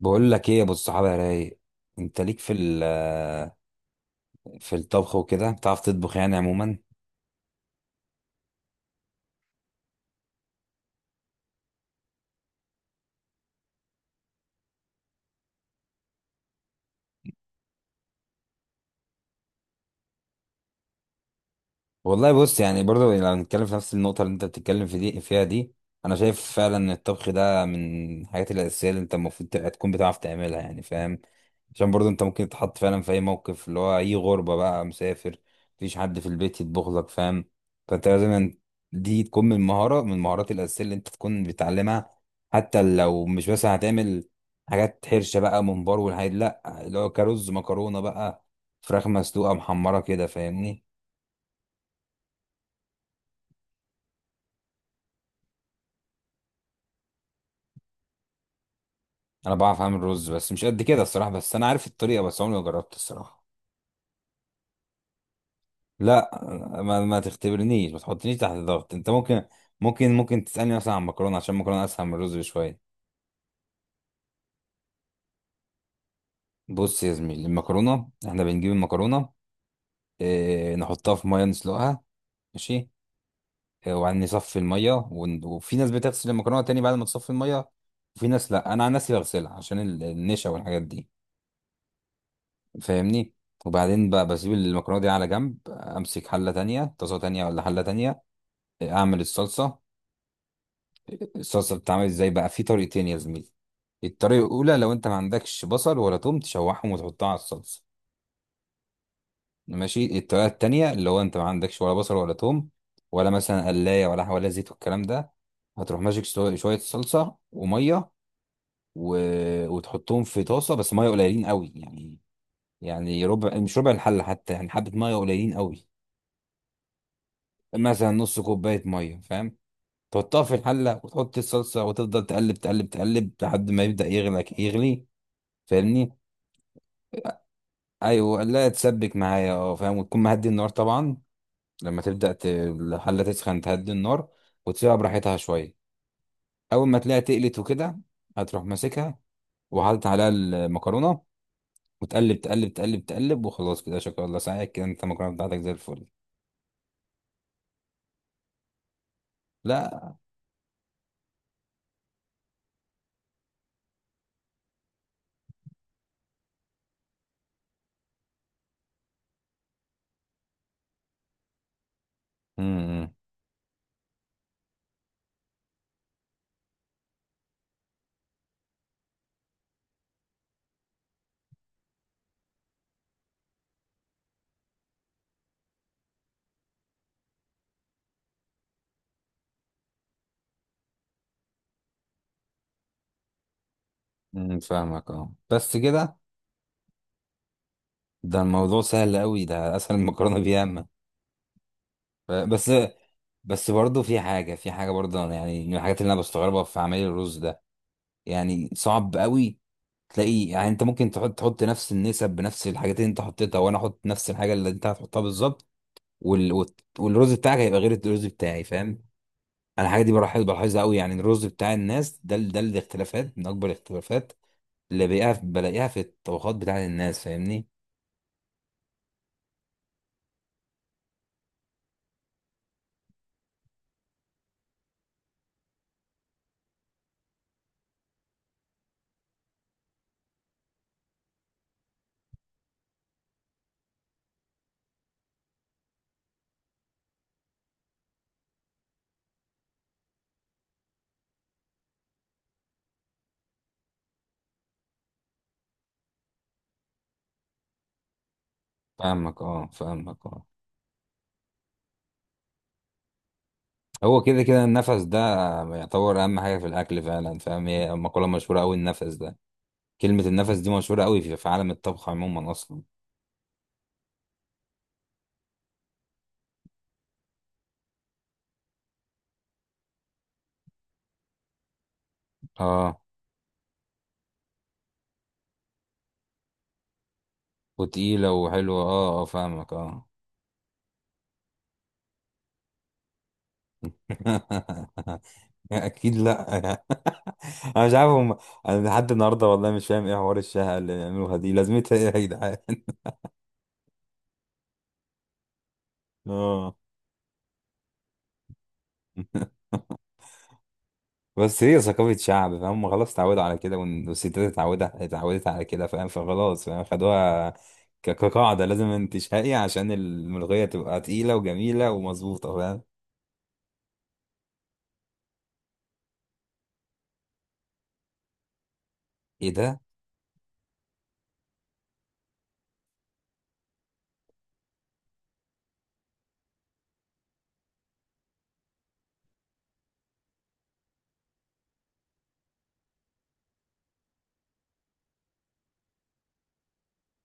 بقول لك ايه يا ابو الصحابه يا رايق، انت ليك في في الطبخ وكده، بتعرف تطبخ يعني عموما؟ والله بص، يعني برضو لو هنتكلم في نفس النقطة اللي انت بتتكلم في دي فيها دي، انا شايف فعلا ان الطبخ ده من الحاجات الاساسية اللي انت المفروض تبقى تكون بتعرف تعملها، يعني فاهم؟ عشان برضو انت ممكن تتحط فعلا في اي موقف، اللي هو اي غربة بقى، مسافر، مفيش حد في البيت يطبخ لك، فاهم؟ فانت لازم دي تكون من مهارة، من المهارات الاساسية اللي انت تكون بتعلمها. حتى لو مش مثلا هتعمل حاجات حرشة بقى، ممبار والحاجات، لا اللي هو كرز مكرونة بقى، فراخ مسلوقة محمرة كده، فاهمني؟ انا بعرف اعمل رز، بس مش قد كده الصراحه، بس انا عارف الطريقه، بس عمري ما جربت الصراحه. لا. ما تختبرنيش، ما تحطنيش تحت ضغط. انت ممكن. ممكن تسالني مثلا عن المكرونه، عشان المكرونه اسهل من الرز بشويه. بص يا زميلي، المكرونه احنا بنجيب المكرونه، اه نحطها في ميه، نسلقها، ماشي. اه وبعدين نصفي الميه، وفي ناس بتغسل المكرونه تاني بعد ما تصفي الميه، وفي ناس لا، انا عن نفسي بغسلها عشان النشا والحاجات دي، فاهمني؟ وبعدين بقى بسيب المكرونه دي على جنب، امسك حله تانية، طاسه تانية، ولا حله تانية، اعمل الصلصه. الصلصه بتتعمل ازاي بقى؟ في طريقتين يا زميلي. الطريقه الاولى، لو انت ما عندكش بصل ولا توم، تشوحهم وتحطها على الصلصه، ماشي. الطريقه التانية، اللي هو انت ما عندكش ولا بصل ولا توم، ولا مثلا قلايه، ولا زيت والكلام ده، هتروح ماسك شويه صلصه وميه و... وتحطهم في طاسه، بس ميه قليلين قوي يعني، يعني ربع، مش ربع الحله حتى، يعني حبه ميه قليلين قوي. مثلا نص كوبايه ميه، فاهم؟ تحطها في الحلة، وتحط الصلصة، وتفضل تقلب تقلب تقلب، لحد ما يبدأ يغلى يغلي، فاهمني؟ ايوه، لا تسبك معايا، فاهم. وتكون مهدي النار طبعا، لما تبدأ الحلة تسخن، تهدي النار وتسيبها براحتها شوية. اول ما تلاقيها تقلت وكده، هتروح ماسكها، وحاطط عليها المكرونة، وتقلب تقلب تقلب تقلب، وخلاص كده شكرا الله ساعدك كده، انت المكرونة بتاعتك زي الفل. لا. امم. فاهمك اه، بس كده. ده الموضوع سهل قوي، ده اسهل من المكرونة بياما. بس، بس برضه في حاجة برضه، أنا يعني من الحاجات اللي أنا بستغربها في عمل الرز ده، يعني صعب قوي. تلاقي يعني أنت ممكن تحط نفس النسب بنفس الحاجات اللي أنت حطيتها، وأنا أحط نفس الحاجة اللي أنت هتحطها بالظبط، والرز بتاعك هيبقى غير الرز بتاعي، فاهم؟ أنا الحاجة دي بلاحظها قوي، يعني الرز بتاع الناس ده، ده الاختلافات من أكبر الاختلافات اللي بلاقيها في الطبخات بتاعت الناس، فاهمني؟ فاهمك أه، فاهمك أه. هو كده كده النفس ده يعتبر أهم حاجة في الأكل فعلا، فاهم؟ هي مقولة مشهورة أوي، النفس ده، كلمة النفس دي مشهورة قوي في عالم الطبخ عموما أصلا. اه، وتقيلة وحلوة، اه اه، فاهمك اه. أكيد لأ. أنا مش عارف هم. أنا لحد النهاردة والله مش فاهم إيه حوار الشهقة اللي بيعملوها دي؟ لازمتها إيه يا جدعان؟ اه بس هي ثقافة شعب فهم، خلاص اتعودوا على كده، والستات اتعودت على كده، فاهم؟ فخلاص فاهم، خدوها كقاعدة، لازم انت شهقي عشان الملوخية تبقى تقيلة وجميلة ومظبوطة، فاهم؟ ايه ده؟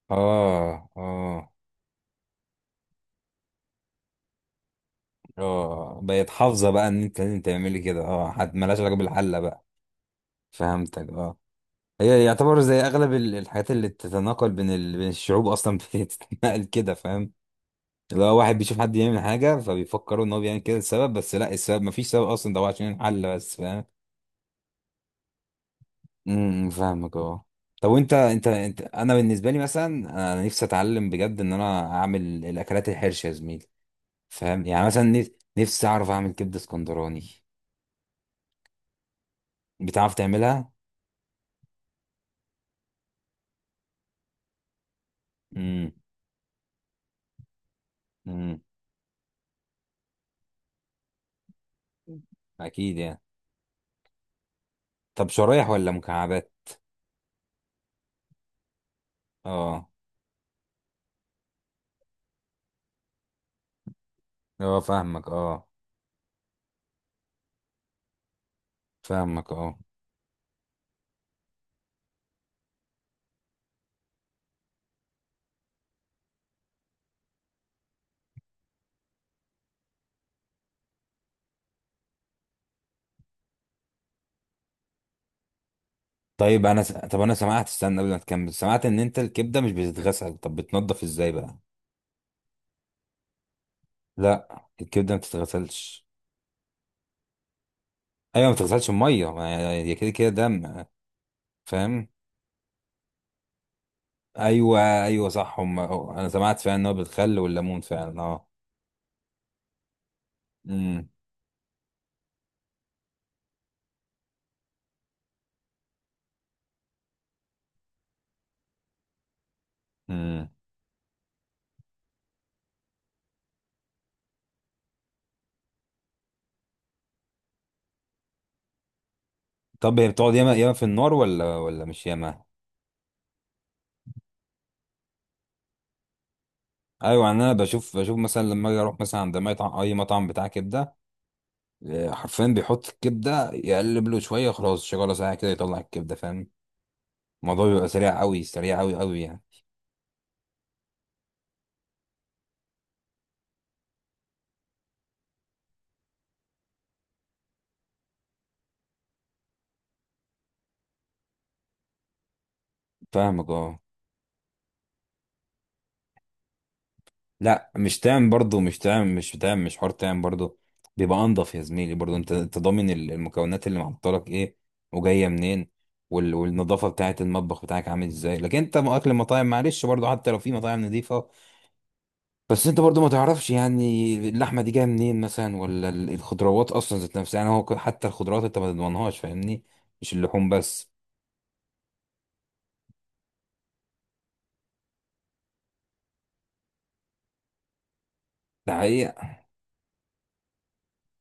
اه، اه، اه، بقت حافظه بقى ان انت لازم تعملي كده، اه، حد ملهاش علاقه بالحله بقى. فهمتك اه. هي يعتبر زي اغلب الحاجات اللي بتتناقل بين بين الشعوب اصلا، بتتنقل كده، فاهم؟ اللي هو واحد بيشوف حد يعمل حاجه فبيفكروا ان هو بيعمل كده السبب، بس لا، السبب مفيش سبب اصلا، ده هو عشان الحل بس، فاهم؟ امم، فاهمك اه. طب، وانت انت انت انا بالنسبه لي مثلا، انا نفسي اتعلم بجد ان انا اعمل الاكلات الحرشه يا زميلي، فاهم؟ يعني مثلا نفسي اعرف اعمل كبده اسكندراني. بتعرف تعملها؟ امم. اكيد يعني. طب شرايح ولا مكعبات؟ اه. اه، فاهمك اه، فاهمك اه. طيب انا طب انا سمعت، استنى قبل ما تكمل، سمعت ان انت الكبده مش بتتغسل، طب بتنضف ازاي بقى؟ لا الكبده ما بتتغسلش. ايوه ما بتتغسلش بميه. ما هي هي كده كده دم، فاهم؟ ايوه. ايوه صح، هم، أه، انا سمعت فعلا ان هو بالخل والليمون فعلا اه. امم. امم. طب هي بتقعد ياما ياما في النار؟ ولا ولا مش ياما؟ ايوه، يعني انا بشوف مثلا لما اجي اروح مثلا عند مطعم، اي مطعم بتاع كبده، حرفيا بيحط الكبده يقلب له شويه، خلاص شغاله ساعه كده يطلع الكبده، فاهم؟ الموضوع بيبقى سريع قوي، سريع قوي قوي يعني. فاهمك اه. لا مش تام برضو، مش تام، مش تام، مش حوار تام برضو. بيبقى انضف يا زميلي برضو، انت، انت ضامن المكونات اللي محطلك ايه، وجايه منين، والنظافه بتاعه المطبخ بتاعك عامل ازاي. لكن انت اكل المطاعم معلش برضو، حتى لو في مطاعم نظيفه، بس انت برضو ما تعرفش يعني اللحمه دي جايه منين مثلا، ولا الخضروات اصلا ذات نفسها. يعني هو حتى الخضروات انت ما تضمنهاش، فاهمني؟ مش اللحوم بس. ده حقيقه.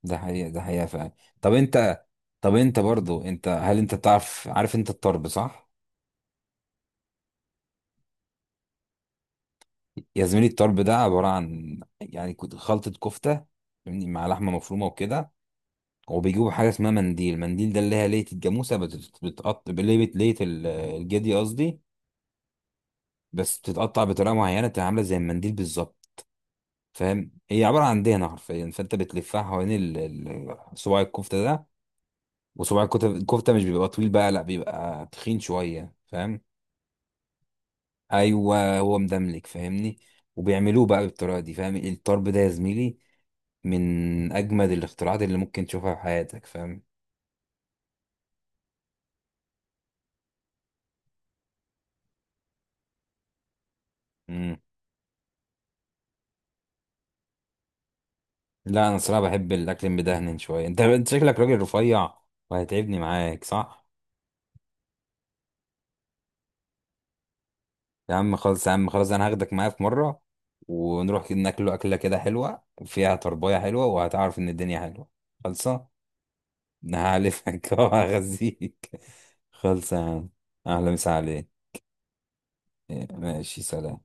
ده حقيقه. ده حقيقه فعلا. طب انت، برضو انت، هل انت بتعرف عارف انت الطرب صح؟ يا زميلي، الطرب ده عباره عن يعني خلطه كفته، فاهمني؟ مع لحمه مفرومه وكده. وبيجيبوا حاجه اسمها منديل، منديل ده اللي هي ليه الجاموسه بتتقطع، ليه الجدي قصدي، بس بتتقطع بطريقه معينه تبقى عامله زي المنديل بالظبط، فاهم؟ هي عباره عن دهنه حرفيا، فانت بتلفها حوالين صباع الكفته ده. وصباع الكفته، الكفته مش بيبقى طويل بقى، لا بيبقى تخين شويه، فاهم؟ ايوه، هو مدملك فاهمني. وبيعملوه بقى بالطريقه دي، فاهم؟ الطرب ده يا زميلي من اجمد الاختراعات اللي ممكن تشوفها في حياتك، فاهم؟ مم. لا انا صراحه بحب الاكل المدهن شويه، انت، انت شكلك راجل رفيع، وهتعبني معاك صح؟ يا عم خلاص، يا عم خلاص، انا هاخدك معايا في مره، ونروح كده ناكله اكله كده حلوه، فيها طربايه حلوه، وهتعرف ان الدنيا حلوه، خلصه. انا هعلفك وهغذيك. خلصه يا عم. اهلا، مسا عليك. ماشي، سلام.